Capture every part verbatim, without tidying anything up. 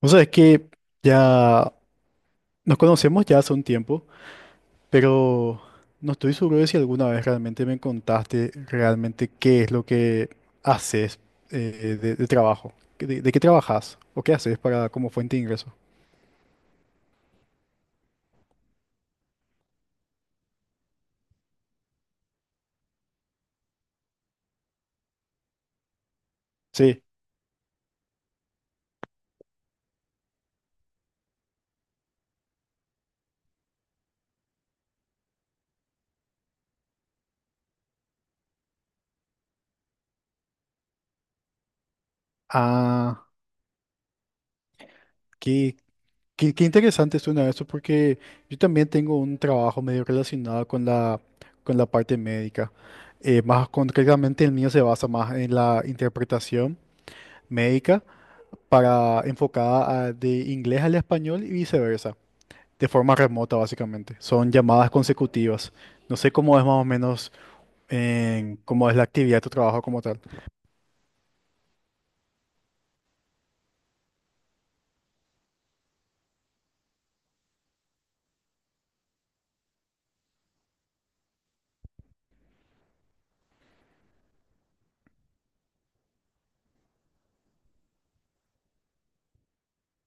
O sea, es que ya nos conocemos ya hace un tiempo, pero no estoy seguro de si alguna vez realmente me contaste realmente qué es lo que haces eh, de, de trabajo. ¿Qué- ¿De, de qué trabajas? ¿O qué haces para como fuente de ingreso? Sí. Ah, qué, qué, qué interesante suena eso porque yo también tengo un trabajo medio relacionado con la, con la parte médica. Eh, más concretamente el mío se basa más en la interpretación médica para enfocada a- de inglés al español y viceversa, de forma remota básicamente. Son llamadas consecutivas. No sé cómo es más o menos en, cómo es la actividad de tu trabajo como tal.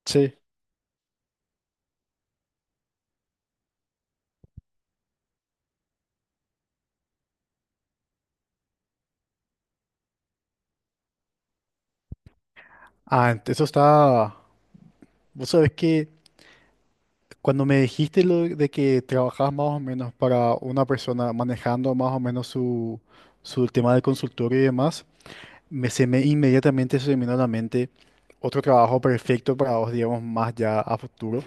Sí. Ah, ent- eso está. Vos sabés que cuando me dijiste lo de que trabajabas más o menos para una persona manejando más o menos su, su tema de consultorio y demás, me, se me inmediatamente se me vino a la mente otro trabajo perfecto para vos, digamos, más ya a futuro.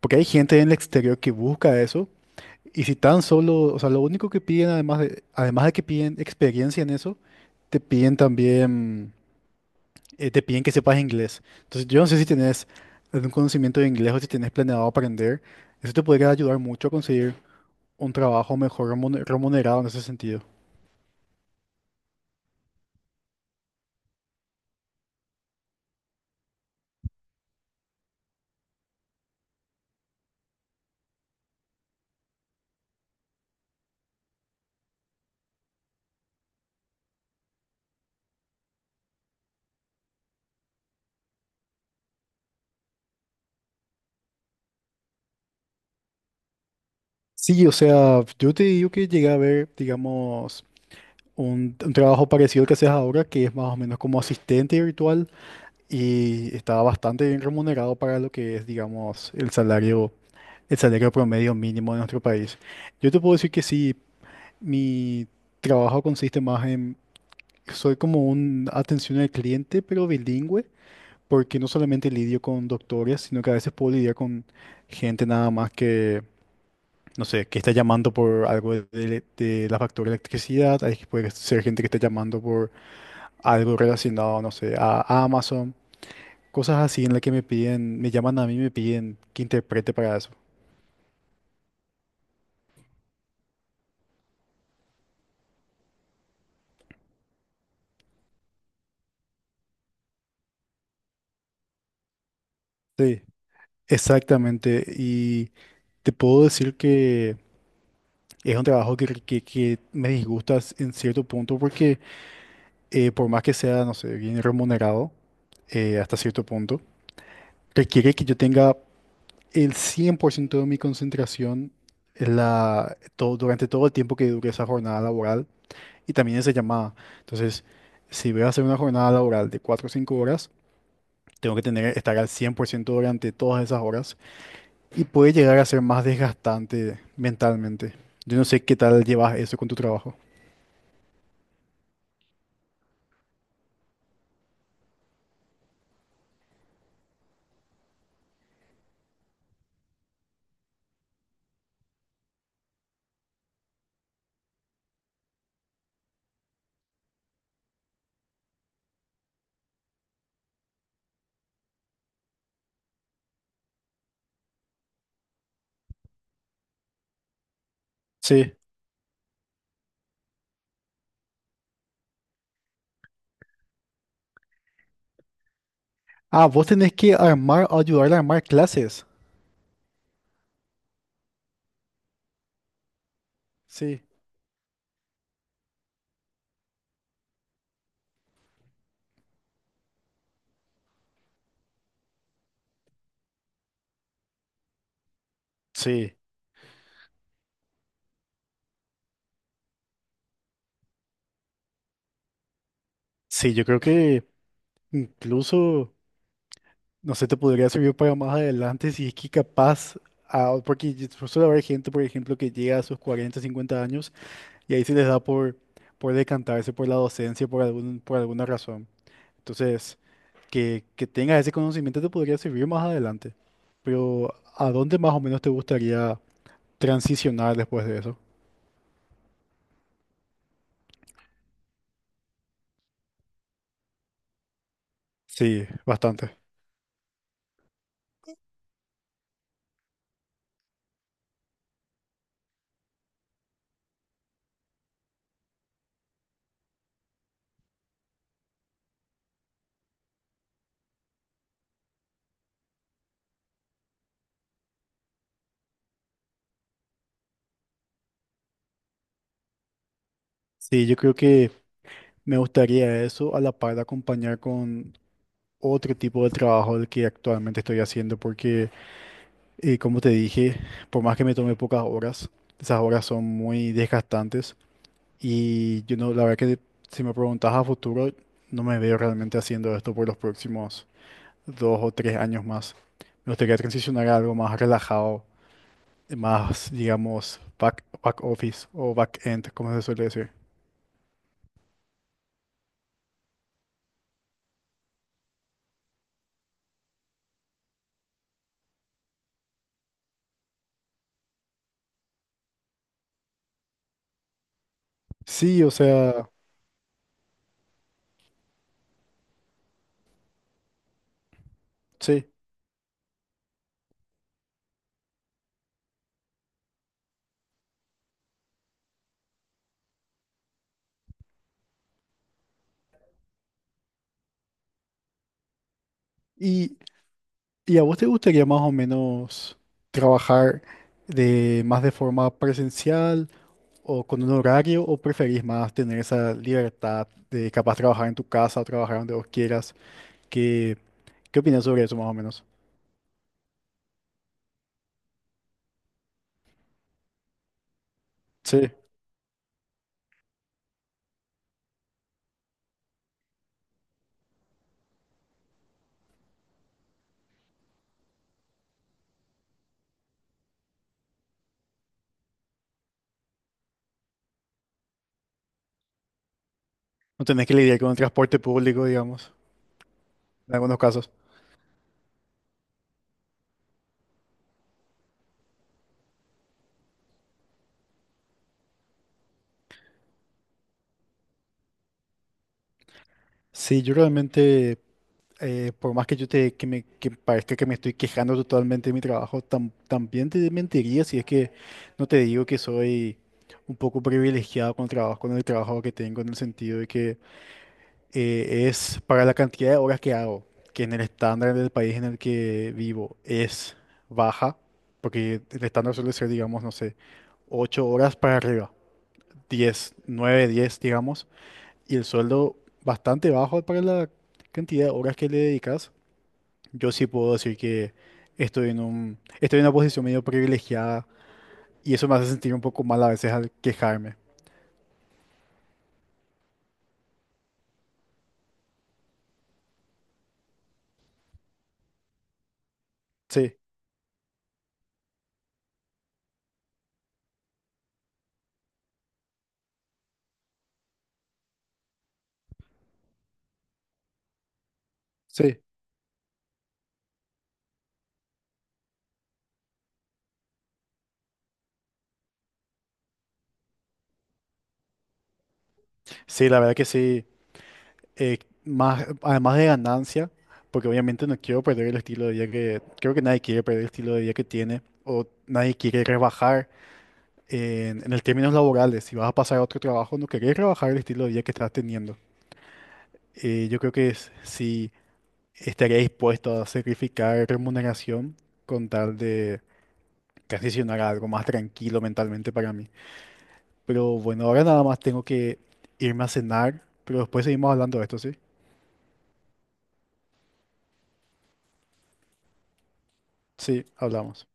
Porque hay gente en el exterior que busca eso. Y si tan solo, o sea, lo único que piden, además de, además de que piden experiencia en eso, te piden también, eh, te piden que sepas inglés. Entonces, yo no sé si tenés algún conocimiento de inglés o si tenés planeado aprender. Eso te podría ayudar mucho a conseguir un trabajo mejor remune- remunerado en ese sentido. Sí, o sea, yo te digo que llegué a ver, digamos, un, un trabajo parecido al que haces ahora, que es más o menos como asistente virtual y estaba bastante bien remunerado para lo que es, digamos, el salario, el salario promedio mínimo de nuestro país. Yo te puedo decir que sí, mi trabajo consiste más en, soy como un atención al cliente, pero bilingüe, porque no solamente lidio con doctores, sino que a veces puedo lidiar con gente nada más que, no sé, que está llamando por algo de, de- de la factura de electricidad, hay, puede ser gente que está llamando por algo relacionado, no sé, a Amazon. Cosas así en las que me piden, me llaman a mí y me piden que interprete para eso. Sí, exactamente. Y te puedo decir que es un trabajo que, que, que me disgusta s- en cierto punto porque eh, por más que sea, no sé, bien remunerado eh, hasta cierto punto, requiere que yo tenga el cien por ciento de mi concentración en la, todo, durante todo el tiempo que dure esa jornada laboral y también esa llamada. Entonces, si voy a hacer una jornada laboral de cuatro o cinco horas, Tengo que tener, estar al cien por ciento durante todas esas horas y puede llegar a ser más desgastante mentalmente. Yo no sé qué tal llevas eso con tu trabajo. Sí. Ah, vos tenés que armar, ayudarle a armar clases. Sí. Sí. Sí, yo creo que incluso, no sé, te podría servir para más adelante si es que capaz, ah, porque yo- suele haber gente, por ejemplo, que llega a sus cuarenta, cincuenta años y ahí se les da por, por decantarse por la docencia por algún, por alguna razón. Entonces, que, que tengas ese conocimiento te podría servir más adelante. Pero ¿a dónde más o menos te gustaría transicionar después de eso? Sí, bastante. Sí, yo creo que me gustaría eso a la par de acompañar con otro tipo de trabajo del que actualmente estoy haciendo, porque eh, como te dije, por más que me tome pocas horas, esas horas son muy desgastantes y yo no, la verdad que si me preguntas a futuro, no me veo realmente haciendo esto por los próximos dos o tres años más. Me gustaría transicionar a algo más relajado, más, digamos, back, back office o back end, como se suele decir. Sí, o sea, sí. ¿Y, y a vos te gustaría más o menos trabajar de más de forma presencial o con un horario o preferís más tener esa libertad de capaz trabajar en tu casa o trabajar donde vos quieras? ¿Qué, qué opinas sobre eso más o menos? Sí, no tenés que lidiar con el transporte público, digamos, en algunos casos. Sí, yo realmente, eh, por más que yo te que me que parezca que me estoy quejando totalmente de mi trabajo, tam- también te mentiría si es que no te digo que soy un poco privilegiado con el trabajo, con el trabajo, que tengo, en el sentido de que eh, es para la cantidad de horas que hago, que en el estándar del país en el que vivo es baja, porque el estándar suele ser, digamos, no sé, ocho horas para arriba, diez nueve diez digamos y el sueldo bastante bajo para la cantidad de horas que le dedicas, yo sí puedo decir que estoy en un, estoy en una posición medio privilegiada y eso me hace sentir un poco mal a veces al quejarme. Sí, sí, sí, la verdad que sí. Eh, más, además de ganancia, porque obviamente no quiero perder el estilo de vida que, creo que nadie quiere perder el estilo de vida que tiene o nadie quiere rebajar en, en el términos laborales. Si vas a pasar a otro trabajo, no querés rebajar el estilo de vida que estás teniendo. Eh, yo creo que es- si estaría dispuesto a sacrificar remuneración con tal de transicionar a algo más tranquilo mentalmente para mí. Pero bueno, ahora nada más tengo que irme a cenar, pero después seguimos hablando de esto, ¿sí? Sí, hablamos.